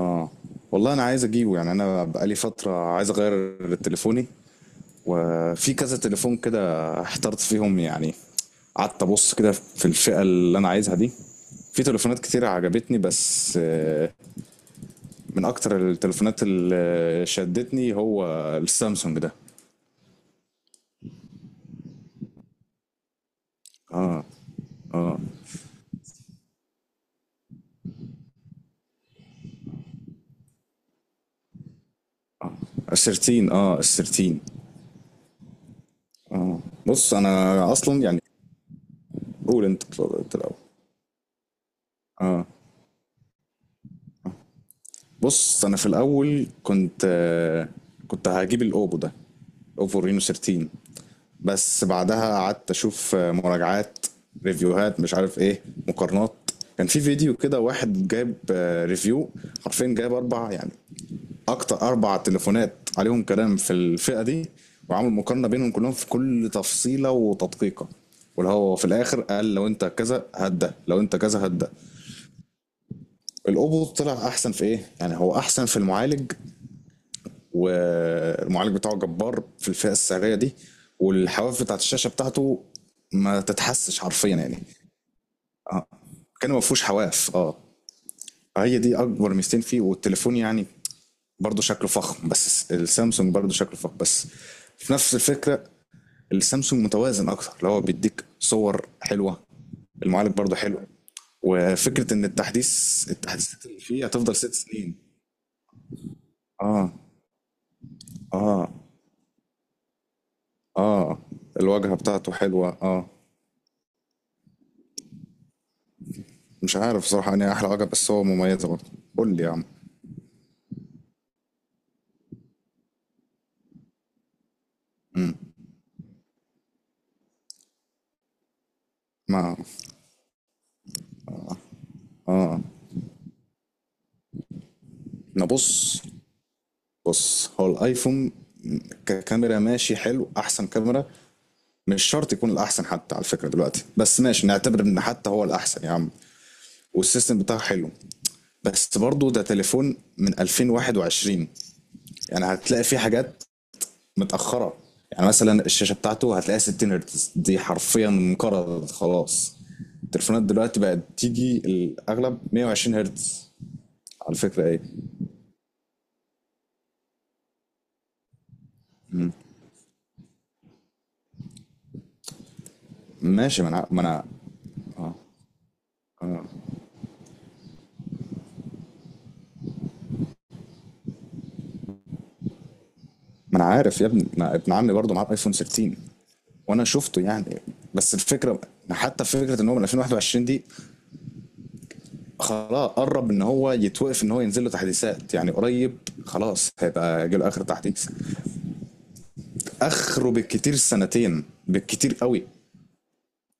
اه، والله انا عايز اجيبه يعني. انا بقالي فتره عايز اغير تليفوني وفي كذا تليفون كده احترت فيهم يعني. قعدت ابص كده في الفئه اللي انا عايزها دي، في تليفونات كتير عجبتني بس من اكتر التليفونات اللي شدتني هو السامسونج ده ال 13. اه ال 13. بص انا اصلا يعني، قول انت الاول. اه، بص انا في الاول كنت هجيب الاوبو ده، اوبو رينو 13، بس بعدها قعدت اشوف مراجعات، ريفيوهات مش عارف ايه، مقارنات. كان في فيديو كده واحد جايب ريفيو، حرفيا جايب اربع يعني اكتر اربع تليفونات عليهم كلام في الفئة دي، وعامل مقارنة بينهم كلهم في كل تفصيلة وتدقيقة، واللي هو في الاخر قال لو انت كذا هات ده، لو انت كذا هات ده. الاوبو طلع احسن في ايه؟ يعني هو احسن في المعالج، والمعالج بتاعه جبار في الفئة السعرية دي، والحواف بتاعت الشاشة بتاعته ما تتحسش حرفيا يعني. اه، كان ما فيهوش حواف، اه. هي دي اكبر ميزتين فيه، والتليفون يعني برضه شكله فخم، بس السامسونج برضه شكله فخم بس في نفس الفكرة. السامسونج متوازن اكتر، اللي هو بيديك صور حلوة، المعالج برضه حلو، وفكرة ان التحديث، التحديثات اللي فيه هتفضل 6 سنين. اه، اه، اه، الواجهة بتاعته حلوة، اه. مش عارف صراحة أنهي أحلى حاجة، بس هو مميزة برضه. قول لي يا عم. ما أنا بص، بص هو الأيفون ككاميرا ماشي حلو، أحسن كاميرا، مش شرط يكون الأحسن حتى على فكرة دلوقتي، بس ماشي نعتبر إن حتى هو الأحسن يا عم، والسيستم بتاعه حلو، بس برضه ده تليفون من 2021. يعني هتلاقي فيه حاجات متأخرة. يعني مثلا الشاشة بتاعته هتلاقيها 60 هرتز، دي حرفيا انقرضت خلاص. التليفونات دلوقتي بقت تيجي الأغلب 120 هرتز. على فكرة ايه؟ ماشي، ما انا عارف يا ابني. ما ابن عمي برضه معاه ايفون 13 وانا شفته يعني. بس الفكرة، حتى فكرة ان هو من 2021 دي، خلاص قرب ان هو يتوقف ان هو ينزل له تحديثات يعني، قريب خلاص هيبقى جه له اخر تحديث. اخره بالكتير سنتين، بالكتير قوي.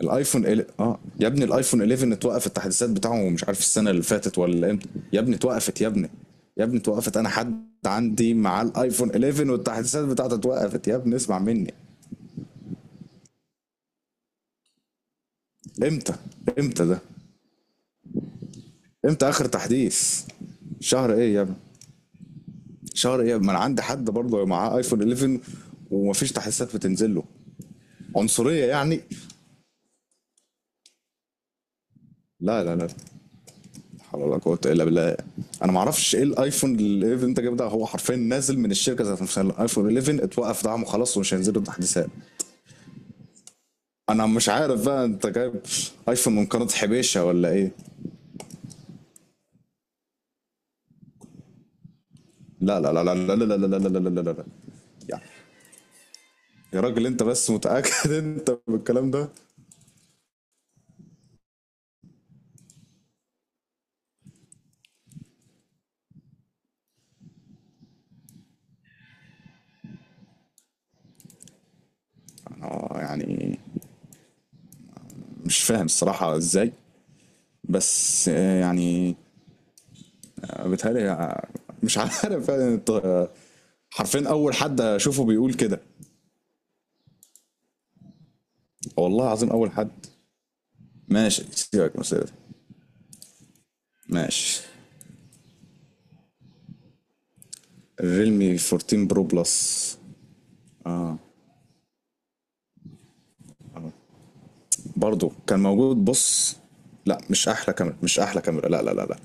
اه يا ابني، الايفون 11 اتوقف التحديثات بتاعه مش عارف السنه اللي فاتت ولا امتى يا ابني، اتوقفت يا ابني. يا ابني اتوقفت، انا حد عندي مع الايفون 11 والتحديثات بتاعته اتوقفت يا ابني، اسمع مني. امتى؟ امتى ده؟ امتى اخر تحديث؟ شهر ايه يا ابني؟ شهر ايه، ما انا عندي حد برضه معاه ايفون 11 ومفيش تحديثات بتنزل له. عنصريه يعني؟ لا لا لا، حول ولا قوة إلا بالله. أنا معرفش إيه الأيفون ال 11 اللي أنت جايبه ده، هو حرفيا نازل من الشركة ذات نفسها، الأيفون 11 اتوقف دعمه خلاص ومش هينزلوا التحديثات. أنا مش عارف بقى أنت جايب أيفون من قناة حبيشة ولا إيه؟ لا لا لا لا لا لا لا لا لا لا لا لا لا لا. يعني يا راجل أنت بس متأكد أنت بالكلام ده؟ أنا يعني مش فاهم الصراحة إزاي، بس بيتهيألي مش عارف يعني حرفيا أول حد أشوفه بيقول كده. والله العظيم أول حد. ماشي سيبك من السيرة دي. ماشي. الريلمي 14 برو بلس، برضه كان موجود، بص. لا مش احلى كاميرا، مش احلى كاميرا، لا لا لا لا.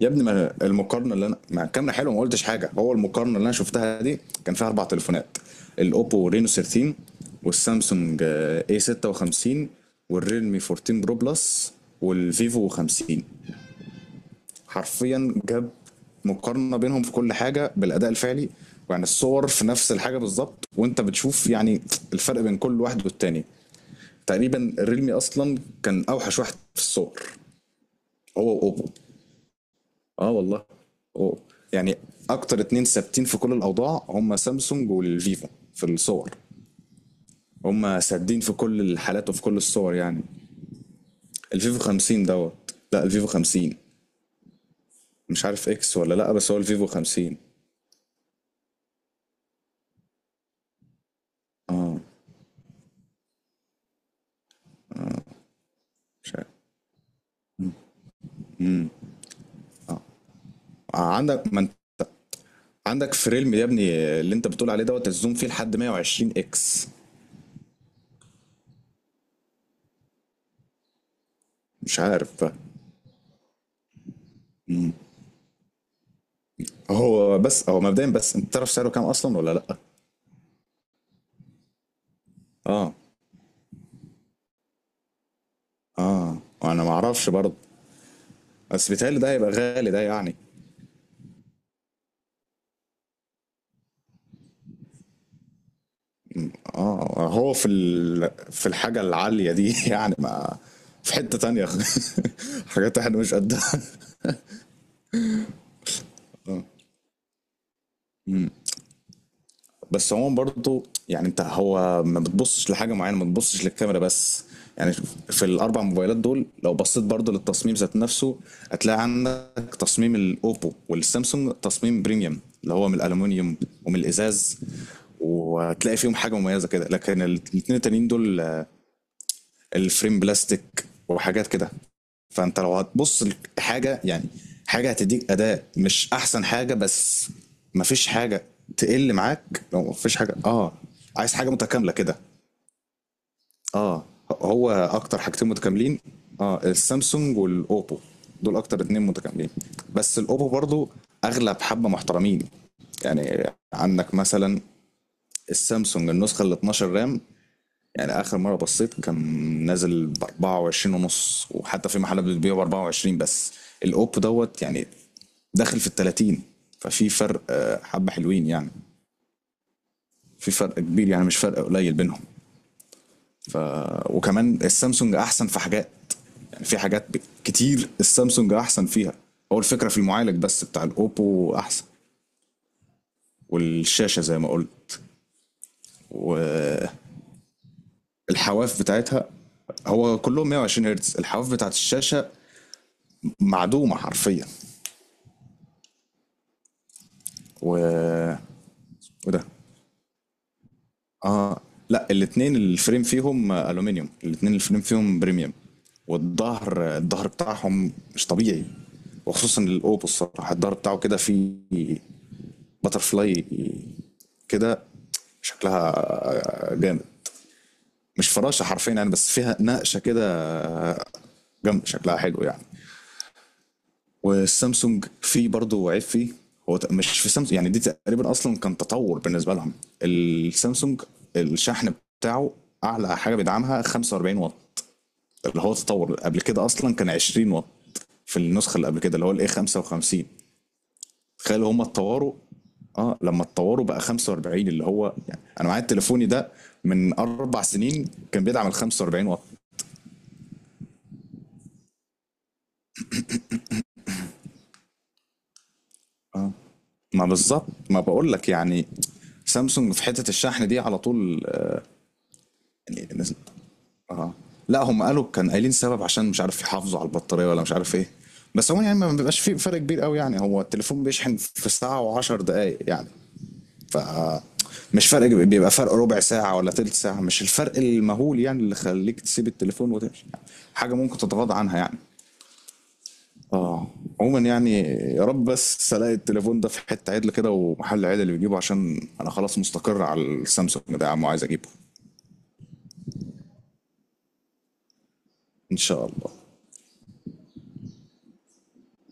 يا ابني ما أنا المقارنه اللي انا، مع الكاميرا حلوه ما قلتش حاجه، هو المقارنه اللي انا شفتها دي كان فيها اربع تليفونات: الاوبو رينو 13، والسامسونج اي 56، والريلمي 14 برو بلس، والفيفو 50. حرفيا جاب مقارنة بينهم في كل حاجة بالأداء الفعلي، يعني الصور في نفس الحاجة بالظبط وانت بتشوف يعني الفرق بين كل واحد والتاني. تقريبا الريلمي أصلا كان أوحش واحد في الصور، هو وأوبو. اه والله، أوبو. يعني أكتر اتنين ثابتين في كل الأوضاع هم سامسونج والفيفو، في الصور هم سادين في كل الحالات وفي كل الصور يعني. الفيفو 50 دوت، لا الفيفو 50، مش عارف اكس ولا لا، بس هو الفيفو 50. مش عارف. عندك، ما انت عندك فريلم يا ابني، اللي انت بتقول عليه دوت، الزوم فيه لحد 120 اكس. مش عارف بقى. هو بس هو مبدئيا، بس انت تعرف سعره كام اصلا ولا لا؟ اه اه، انا ما اعرفش برضه، بس بيتهيألي ده هيبقى غالي ده يعني. اه هو في في الحاجه العاليه دي يعني ما. في حته تانية حاجات احنا مش قدها. بس هو برضه يعني انت، هو ما بتبصش لحاجه معينه، ما بتبصش للكاميرا بس يعني. في الاربع موبايلات دول، لو بصيت برضه للتصميم ذات نفسه، هتلاقي عندك تصميم الاوبو والسامسونج تصميم بريميوم اللي هو من الالومنيوم ومن الازاز، وهتلاقي فيهم حاجه مميزه كده، لكن الاثنين التانيين دول الفريم بلاستيك وحاجات كده. فانت لو هتبص لحاجه يعني، حاجه هتديك اداء مش احسن حاجه بس، مفيش حاجه تقل معاك لو مفيش حاجه، اه. عايز حاجه متكامله كده. اه، هو اكتر حاجتين متكاملين اه السامسونج والاوبو، دول اكتر اتنين متكاملين. بس الاوبو برضو اغلى بحبه محترمين. يعني عندك مثلا السامسونج النسخه ال 12 رام، يعني اخر مره بصيت كان نازل ب 24 ونص، وحتى في محلات بتبيعه ب 24 بس. الاوب دوت يعني داخل في ال 30. ففي فرق حبه حلوين يعني، في فرق كبير يعني مش فرق قليل بينهم. وكمان السامسونج احسن في حاجات، يعني في حاجات كتير السامسونج احسن فيها. هو الفكره في المعالج بس بتاع الاوبو احسن، والشاشه زي ما قلت والحواف بتاعتها، هو كلهم 120 هرتز، الحواف بتاعت الشاشه معدومه حرفيا. و وده، اه. لا الاثنين الفريم فيهم الومنيوم، الاثنين الفريم فيهم بريميوم. والظهر، الظهر بتاعهم مش طبيعي، وخصوصا الاوبو الصراحه الظهر بتاعه كده فيه باترفلاي كده، شكلها جامد، مش فراشه حرفيا يعني، بس فيها نقشه كده جامده، شكلها حلو يعني. والسامسونج في برضه عيب فيه، مش في سامسونج يعني، دي تقريبا اصلا كان تطور بالنسبه لهم. السامسونج الشحن بتاعه اعلى حاجه بيدعمها 45 واط، اللي هو تطور، قبل كده اصلا كان 20 واط في النسخه اللي قبل كده اللي هو الاي 55. تخيل هم اتطوروا، اه لما اتطوروا بقى 45، اللي هو يعني انا معايا تليفوني ده من 4 سنين كان بيدعم ال 45 واط. اه، ما بالظبط، ما بقول لك يعني سامسونج في حته الشحن دي على طول يعني. اه، لا هم قالوا، كان قايلين سبب عشان مش عارف يحافظوا على البطارية ولا مش عارف ايه. بس هو يعني ما بيبقاش في فرق كبير قوي يعني، هو التليفون بيشحن في ساعة و10 دقايق يعني، ف مش فرق، بيبقى فرق ربع ساعة ولا تلت ساعة، مش الفرق المهول يعني اللي خليك تسيب التليفون وتمشي يعني، حاجة ممكن تتغاضى عنها يعني. اه، عموما يعني يا رب بس الاقي التليفون ده في حتة عدل كده ومحل عدل اللي بيجيبه، عشان انا خلاص مستقر على السامسونج ده يا عم، وعايز اجيبه. ان شاء الله.